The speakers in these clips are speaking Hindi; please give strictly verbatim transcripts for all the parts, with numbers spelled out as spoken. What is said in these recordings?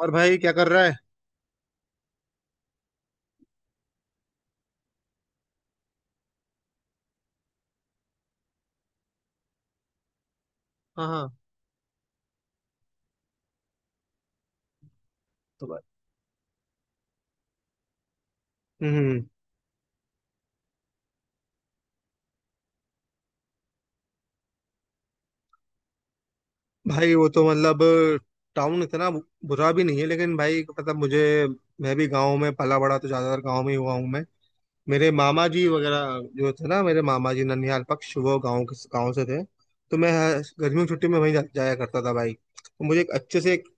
और भाई क्या कर रहा है। हाँ हाँ। तो भाई। हम्म। भाई वो तो मतलब टाउन इतना बु- बुरा भी नहीं है लेकिन भाई मतलब मुझे मैं भी गांव में पला बड़ा तो ज्यादातर गांव में ही हुआ हूँ मैं। मेरे मामा जी वगैरह जो थे ना मेरे मामा जी ननिहाल पक्ष वो गांव के गांव से थे। तो मैं गर्मियों की छुट्टी में वहीं जा, जाया करता था भाई तो मुझे एक अच्छे से एक-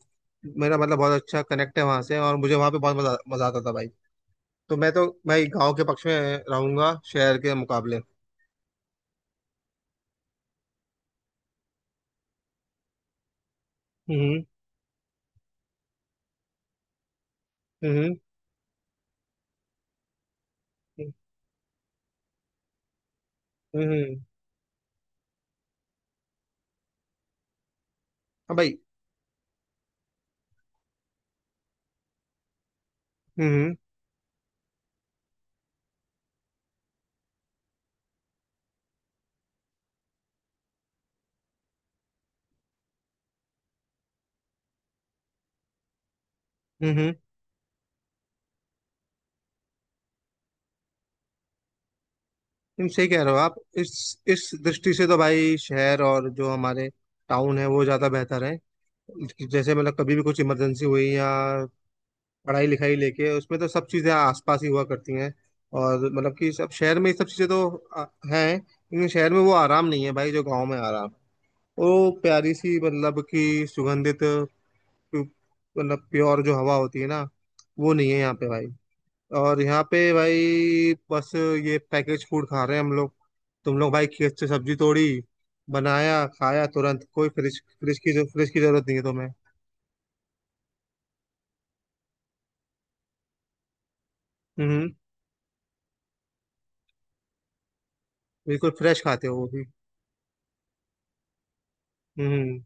मेरा मतलब बहुत अच्छा कनेक्ट है वहां से और मुझे वहां पे बहुत मजा मजा आता था भाई। तो मैं तो भाई गाँव के पक्ष में रहूंगा शहर के मुकाबले। हम्म हम्म हम्म हम्म। हाँ भाई। हम्म हम्म। तुम सही कह रहे हो आप इस इस दृष्टि से तो भाई शहर और जो हमारे टाउन है वो ज्यादा बेहतर है। जैसे मतलब कभी भी कुछ इमरजेंसी हुई या पढ़ाई लिखाई लेके उसमें तो सब चीजें आसपास ही हुआ करती हैं। और मतलब कि सब शहर में ये सब चीजें तो आ, हैं लेकिन शहर में वो आराम नहीं है भाई जो गाँव में आराम। वो प्यारी सी मतलब कि सुगंधित प्यु- मतलब प्योर जो हवा होती है ना वो नहीं है यहाँ पे भाई। और यहाँ पे भाई बस ये पैकेज फूड खा रहे हैं हम लोग। तुम लोग भाई खेत से सब्जी तोड़ी बनाया खाया तुरंत कोई फ्रिज फ्रिज की फ्रिज की जरूरत नहीं है तुम्हें। हम्म। बिल्कुल फ्रेश खाते हो वो भी। हम्म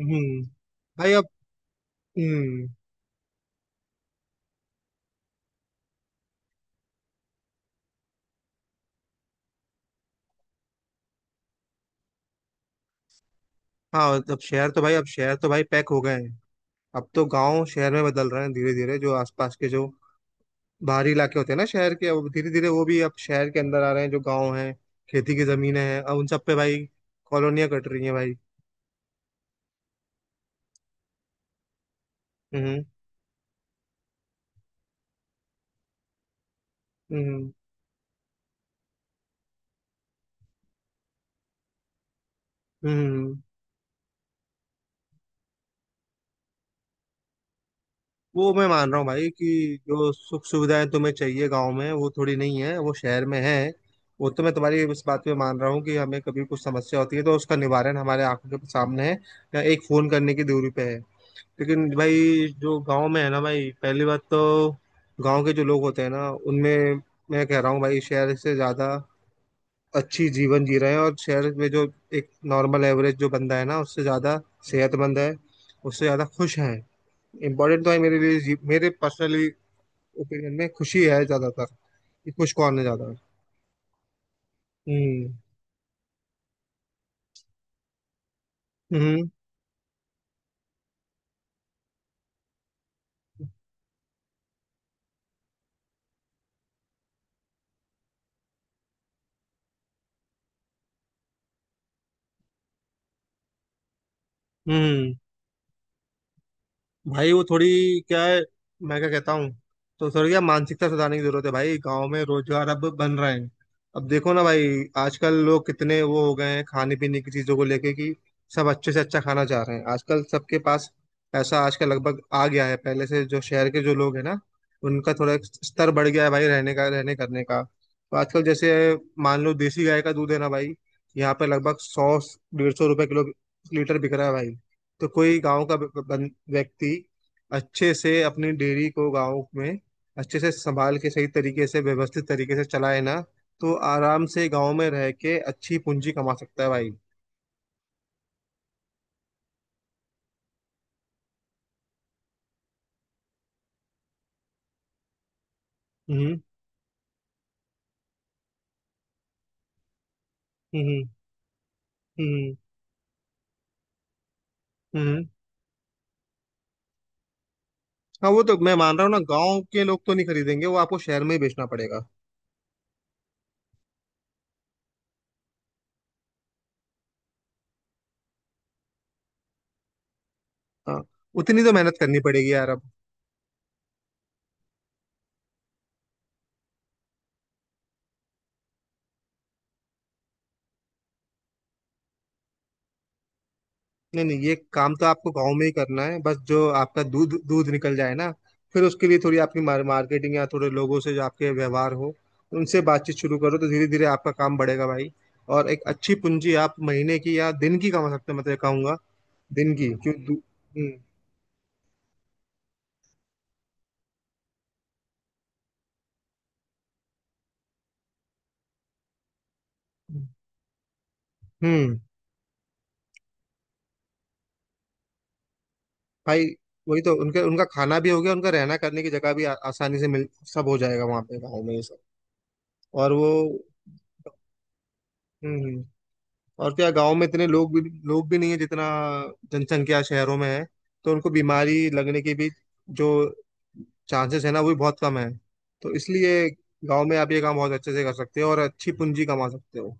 हम्म। भाई अब। हम्म। हाँ अब शहर तो भाई अब शहर तो भाई पैक हो गए हैं। अब तो गांव शहर में बदल रहे हैं धीरे धीरे जो आसपास के जो बाहरी इलाके होते हैं ना शहर के अब धीरे धीरे वो भी अब शहर के अंदर आ रहे हैं जो गांव हैं। खेती की जमीनें हैं अब उन सब पे भाई कॉलोनियां कट रही हैं भाई। हम्म हम्म हम्म। वो मैं मान रहा हूँ भाई कि जो सुख सुविधाएं तुम्हें चाहिए गांव में वो थोड़ी नहीं है वो शहर में है। वो तो मैं तुम्हारी इस बात पे मान रहा हूँ कि हमें कभी कुछ समस्या होती है तो उसका निवारण हमारे आंखों के सामने है या एक फोन करने की दूरी पे है। लेकिन भाई जो गांव में है ना भाई पहली बात तो गांव के जो लोग होते हैं ना उनमें मैं कह रहा हूँ भाई शहर से ज्यादा अच्छी जीवन जी रहे हैं और शहर में जो एक नॉर्मल एवरेज जो बंदा है ना उससे ज्यादा सेहतमंद है उससे ज्यादा खुश है। इम्पोर्टेंट तो है मेरे लिए जी- मेरे पर्सनली ओपिनियन में खुशी है ज्यादातर कि खुश कौन है ज्यादा। हम्म हम्म हम्म। भाई वो थोड़ी क्या है मैं क्या कहता हूँ तो थोड़ी क्या मानसिकता सुधारने की जरूरत है भाई गांव में रोजगार अब बन रहे हैं। अब देखो ना भाई आजकल लोग कितने वो हो गए हैं खाने पीने की चीजों को लेके कि सब अच्छे से अच्छा खाना चाह रहे हैं आजकल सबके पास पैसा आजकल लगभग आ गया है पहले से जो शहर के जो लोग हैं ना उनका थोड़ा स्तर बढ़ गया है भाई रहने का रहने करने का तो आजकल जैसे मान लो देसी गाय का दूध है ना भाई यहाँ पे लगभग सौ डेढ़ सौ रुपए किलो लीटर बिक रहा है भाई। तो कोई गांव का ब- बन- व्यक्ति अच्छे से अपनी डेयरी को गांव में अच्छे से संभाल के सही तरीके से व्यवस्थित तरीके से चलाए ना तो आराम से गांव में रह के अच्छी पूंजी कमा सकता है भाई। हम्म हम्म हम्म हम्म। हाँ वो तो मैं मान रहा हूँ ना गांव के लोग तो नहीं खरीदेंगे वो आपको शहर में ही बेचना पड़ेगा। हाँ उतनी तो मेहनत करनी पड़ेगी यार अब। नहीं नहीं ये काम तो आपको गांव में ही करना है बस जो आपका दूध दूध निकल जाए ना फिर उसके लिए थोड़ी आपकी मार, मार्केटिंग या थोड़े लोगों से जो आपके व्यवहार हो उनसे बातचीत शुरू करो तो धीरे धीरे आपका काम बढ़ेगा भाई। और एक अच्छी पूंजी आप महीने की या दिन की कमा सकते हैं मतलब कहूंगा। दिन की क्यों दू- हम्म हम्म। भाई वही तो उनके उनका खाना भी हो गया उनका रहना करने की जगह भी आ, आसानी से मिल सब हो जाएगा वहां पे गाँव में ये सब और वो। हम्म। और क्या गांव में इतने लोग भी लोग भी नहीं है जितना जनसंख्या शहरों में है तो उनको बीमारी लगने की भी जो चांसेस है ना वो भी बहुत कम है। तो इसलिए गांव में आप ये काम बहुत अच्छे से कर सकते हो और अच्छी पूंजी कमा सकते हो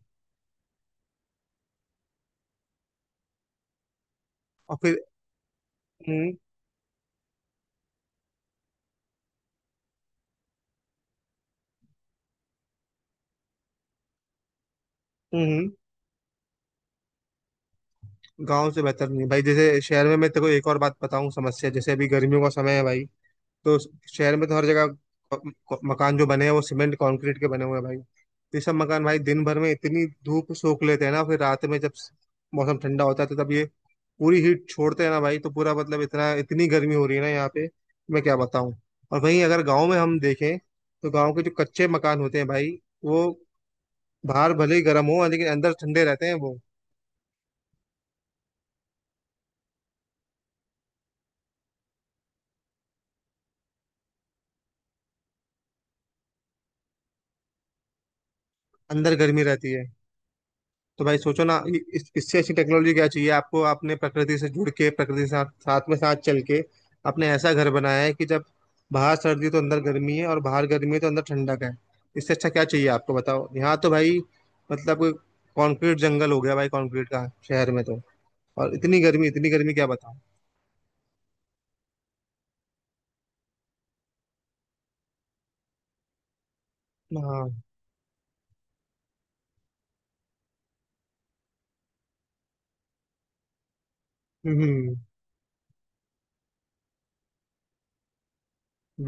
और फिर। हम्म हम्म। गांव से बेहतर नहीं भाई जैसे शहर में मैं तेको एक और बात बताऊं समस्या जैसे अभी गर्मियों का समय है भाई तो शहर में तो हर जगह क- क- मकान जो बने हैं वो सीमेंट कंक्रीट के बने हुए हैं भाई। ये सब मकान भाई दिन भर में इतनी धूप सोख लेते हैं ना फिर रात में जब मौसम ठंडा होता है तो तब ये पूरी हीट छोड़ते हैं ना भाई तो पूरा मतलब इतना इतनी गर्मी हो रही है ना यहाँ पे मैं क्या बताऊं। और वहीं अगर गांव में हम देखें तो गांव के जो कच्चे मकान होते हैं भाई वो बाहर भले ही गर्म हो लेकिन अंदर ठंडे रहते हैं वो अंदर गर्मी रहती है। तो भाई सोचो ना इ- इस, इससे अच्छी टेक्नोलॉजी क्या चाहिए आपको आपने प्रकृति से जुड़ के प्रकृति के साथ साथ में साथ चल के आपने ऐसा घर बनाया है कि जब बाहर सर्दी तो अंदर गर्मी है और बाहर गर्मी है तो अंदर ठंडक है। इससे अच्छा क्या चाहिए आपको बताओ यहाँ तो भाई मतलब कंक्रीट जंगल हो गया भाई कंक्रीट का शहर में तो और इतनी गर्मी इतनी गर्मी क्या बताऊं। हाँ। हम्म।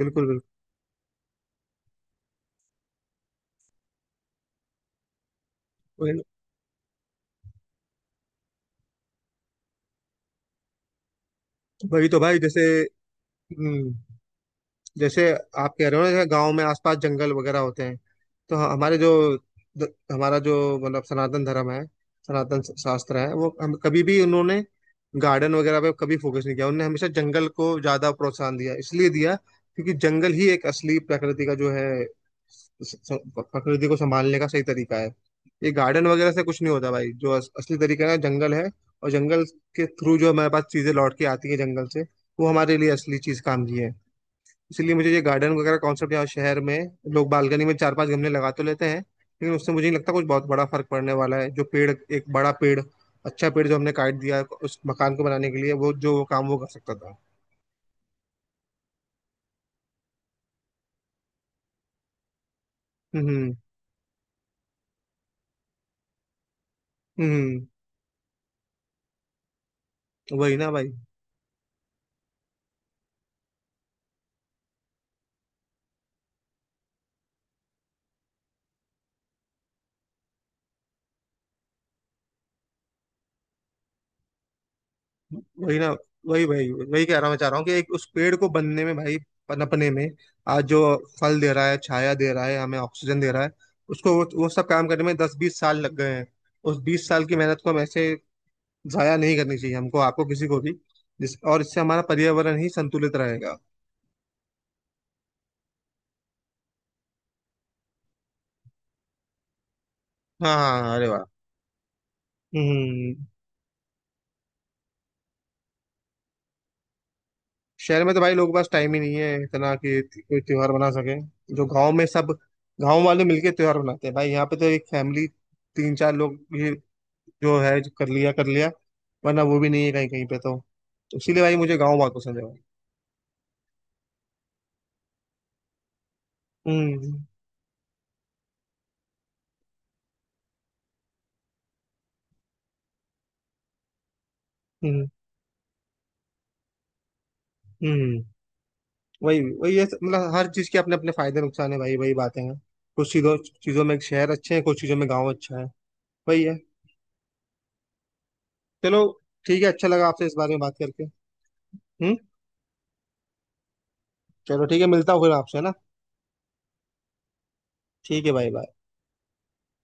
बिल्कुल बिल्कुल। वही वही तो भाई जैसे। हम्म। जैसे आप कह रहे हो ना जैसे गांव में आसपास जंगल वगैरह होते हैं तो ह- हमारे जो द- हमारा जो मतलब सनातन धर्म है सनातन स- शास्त्र है वो हम कभी भी उन्होंने गार्डन वगैरह पे कभी फोकस नहीं किया उन्होंने हमेशा जंगल को ज्यादा प्रोत्साहन दिया इसलिए दिया क्योंकि जंगल ही एक असली प्रकृति का जो है स- स- प्रकृति को संभालने का सही तरीका है। ये गार्डन वगैरह से कुछ नहीं होता भाई जो अस, असली तरीका है जंगल है। और जंगल के थ्रू जो हमारे पास चीजें लौट के आती है जंगल से वो हमारे लिए असली चीज काम की है। इसीलिए मुझे ये गार्डन वगैरह कॉन्सेप्ट यहाँ शहर में लोग बालकनी में चार पांच गमले लगा तो लेते हैं लेकिन उससे मुझे नहीं लगता कुछ बहुत बड़ा फर्क पड़ने वाला है जो पेड़ एक बड़ा पेड़ अच्छा पेड़ जो हमने काट दिया उस मकान को बनाने के लिए वो जो काम वो कर सकता था। हम्म हम्म। वही ना भाई वही ना वही वही वही कह रहा मैं चाह रहा हूँ कि एक उस पेड़ को बनने में भाई पनपने में आज जो फल दे रहा है छाया दे रहा है हमें ऑक्सीजन दे रहा है उसको वो, वो सब काम करने में दस बीस साल लग गए हैं। उस बीस साल की मेहनत को हम ऐसे जाया नहीं करनी चाहिए हमको आपको किसी को भी जिस और इससे हमारा पर्यावरण ही संतुलित रहेगा। हाँ हाँ अरे वाह। हम्म। शहर में तो भाई लोगों के पास टाइम ही नहीं है इतना कि कोई त्योहार मना सके। जो गांव में सब गांव वाले मिलके त्योहार मनाते हैं भाई यहाँ पे तो एक फैमिली तीन चार लोग भी जो है जो कर लिया कर लिया वरना वो भी नहीं है कहीं कहीं पे तो। तो इसीलिए भाई मुझे गाँव बहुत पसंद है भाई। हम्म हम्म हम्म। वही वही ये सब- मतलब हर चीज के अपने अपने फायदे नुकसान है भाई वही बातें हैं। कुछ चीजों चीजों में शहर अच्छे हैं कुछ चीजों में गांव अच्छा है। वही है। चलो ठीक है अच्छा लगा आपसे इस बारे में बात करके। हम्म। चलो ठीक है मिलता हूँ फिर आपसे है ना। ठीक है भाई बाय।